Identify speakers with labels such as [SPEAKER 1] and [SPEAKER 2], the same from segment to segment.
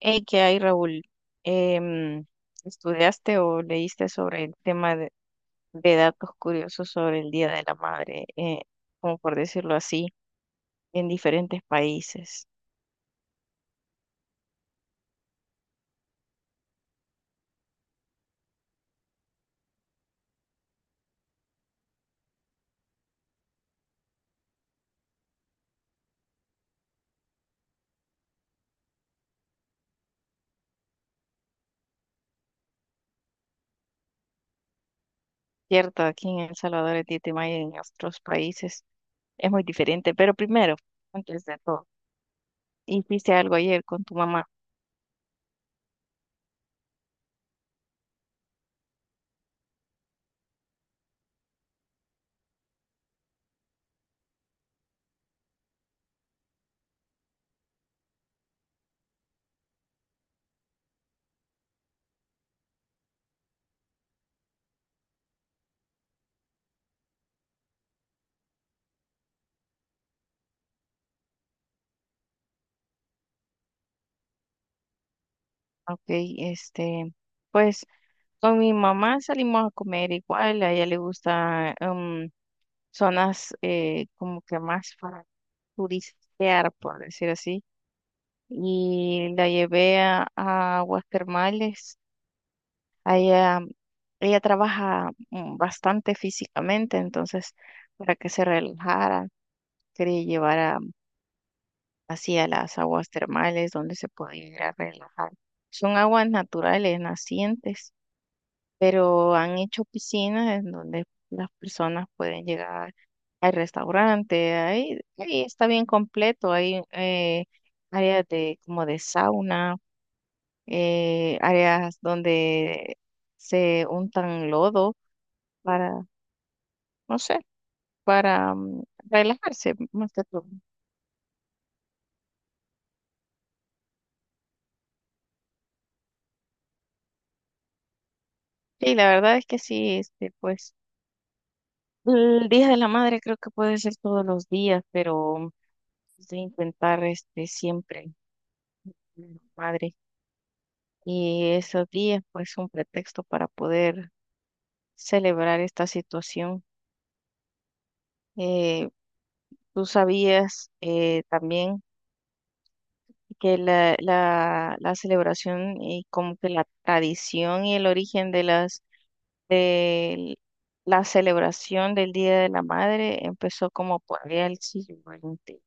[SPEAKER 1] Hey, ¿qué hay, Raúl? Em, ¿Estudiaste o leíste sobre el tema de datos curiosos sobre el Día de la Madre, como por decirlo así, en diferentes países? Cierto, aquí en El Salvador el 10 de mayo y en otros países es muy diferente, pero primero, antes de todo, ¿hiciste algo ayer con tu mamá? ¿Ok? Este, pues con mi mamá salimos a comer igual, a ella le gusta zonas como que más para turistear, por decir así. Y la llevé a aguas termales. Allá, ella trabaja bastante físicamente, entonces para que se relajara, quería llevar a, así a las aguas termales donde se podía ir a relajar. Son aguas naturales, nacientes, pero han hecho piscinas en donde las personas pueden llegar al restaurante, ahí, ahí está bien completo, hay áreas de como de sauna, áreas donde se untan lodo para, no sé, para relajarse más que todo. Sí, la verdad es que sí, este, pues el Día de la Madre creo que puede ser todos los días, pero de intentar este siempre, Madre. Y esos días pues un pretexto para poder celebrar esta situación. Eh, ¿tú sabías también que la celebración y como que la tradición y el origen de las de la celebración del Día de la Madre empezó como por allá el siglo XX?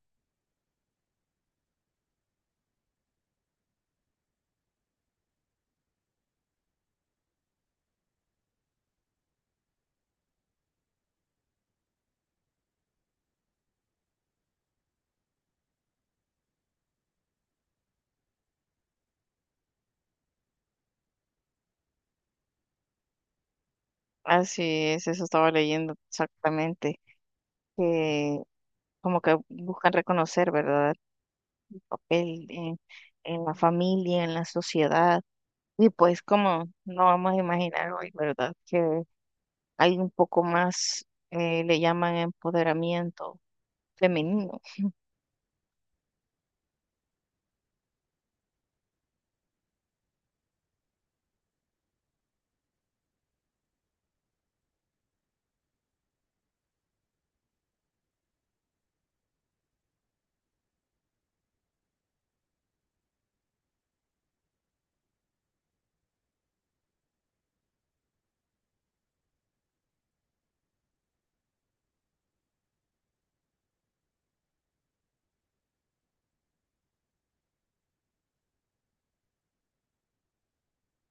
[SPEAKER 1] Así es, eso estaba leyendo exactamente, que como que buscan reconocer, ¿verdad?, el papel en la familia, en la sociedad. Y pues como no vamos a imaginar hoy, ¿verdad? Que hay un poco más, le llaman empoderamiento femenino.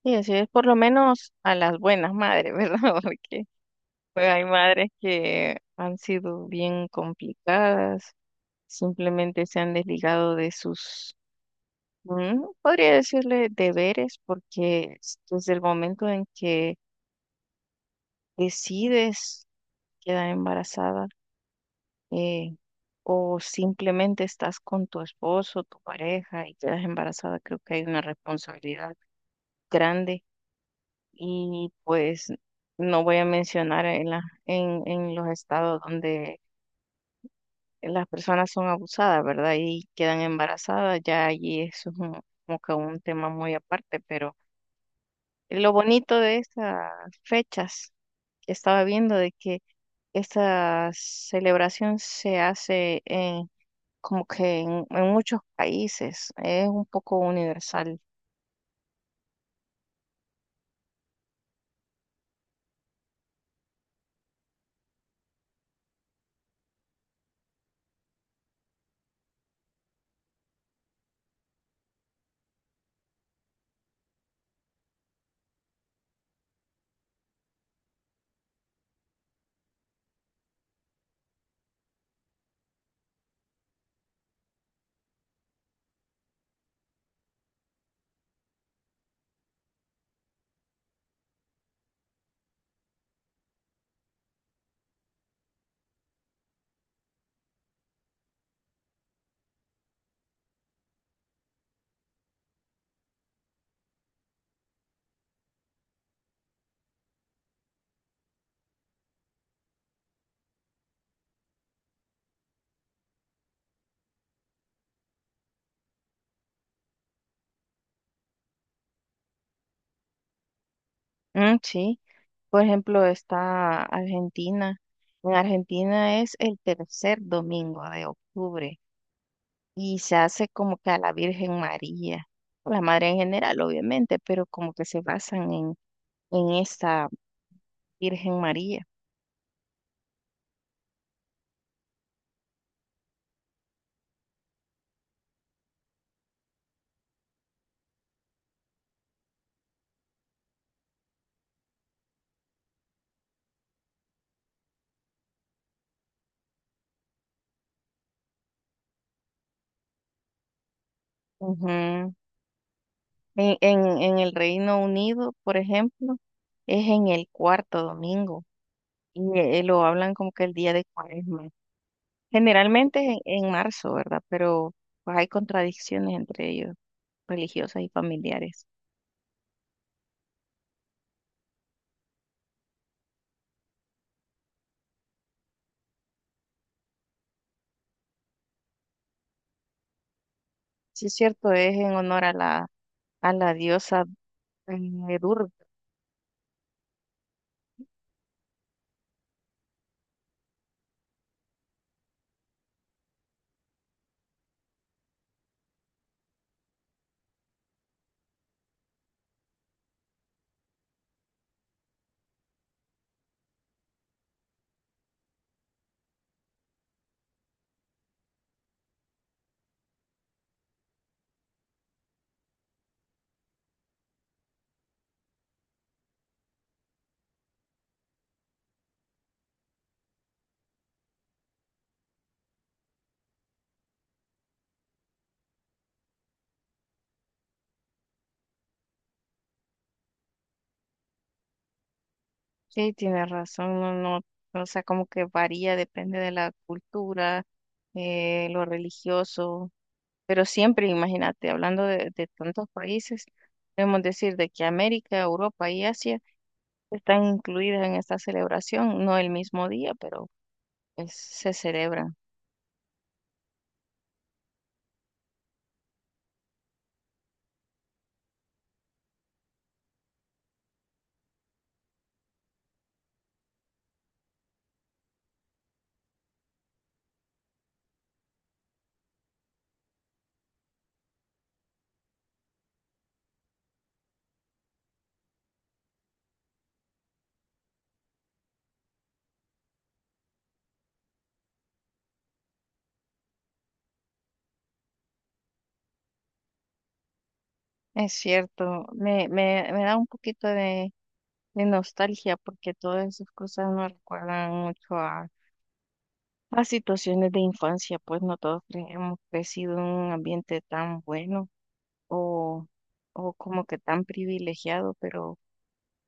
[SPEAKER 1] Y así es por lo menos a las buenas madres, ¿verdad? Porque pues, hay madres que han sido bien complicadas, simplemente se han desligado de sus, podría decirle, deberes, porque desde el momento en que decides quedar embarazada, eh, o simplemente estás con tu esposo, tu pareja y quedas embarazada, creo que hay una responsabilidad grande y pues no voy a mencionar en la, en los estados donde las personas son abusadas, ¿verdad? Y quedan embarazadas, ya allí eso es como que un tema muy aparte, pero lo bonito de estas fechas que estaba viendo de que esta celebración se hace como que en muchos países es un poco universal. Mm, sí, por ejemplo, está Argentina. En Argentina es el tercer domingo de octubre y se hace como que a la Virgen María, a la Madre en general, obviamente, pero como que se basan en esta Virgen María. Ujú. En el Reino Unido, por ejemplo, es en el cuarto domingo y lo hablan como que el día de Cuaresma. Generalmente en marzo, ¿verdad? Pero pues, hay contradicciones entre ellos, religiosas y familiares. Sí, es cierto, es en honor a la diosa Durga. Sí, tiene razón, no, no, o sea, como que varía, depende de la cultura, lo religioso, pero siempre, imagínate, hablando de tantos países, podemos decir de que América, Europa y Asia están incluidas en esta celebración, no el mismo día, pero pues, se celebra. Es cierto, me da un poquito de nostalgia porque todas esas cosas me recuerdan mucho a situaciones de infancia, pues no todos hemos crecido en un ambiente tan bueno o, o como que tan privilegiado, pero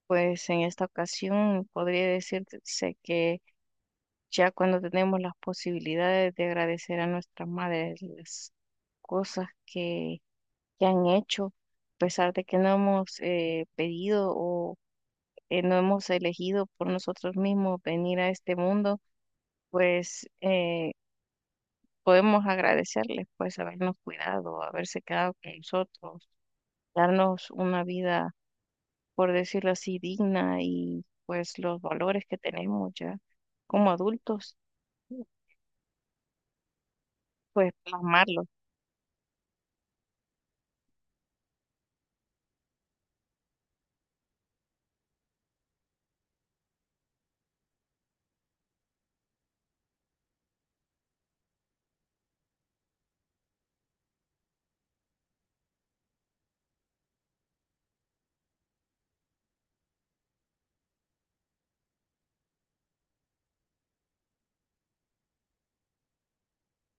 [SPEAKER 1] pues en esta ocasión podría decirse que ya cuando tenemos las posibilidades de agradecer a nuestras madres las cosas que han hecho, a pesar de que no hemos pedido o no hemos elegido por nosotros mismos venir a este mundo, pues podemos agradecerles, pues habernos cuidado, haberse quedado con nosotros, darnos una vida, por decirlo así, digna y pues los valores que tenemos ya como adultos, pues plasmarlos.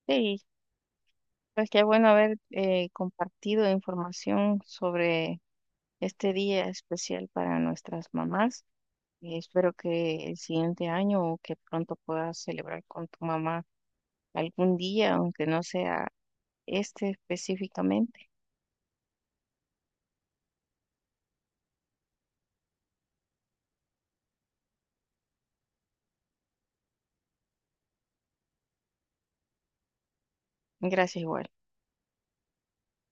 [SPEAKER 1] Sí, pues qué bueno haber compartido información sobre este día especial para nuestras mamás. Espero que el siguiente año o que pronto puedas celebrar con tu mamá algún día, aunque no sea este específicamente. Gracias igual.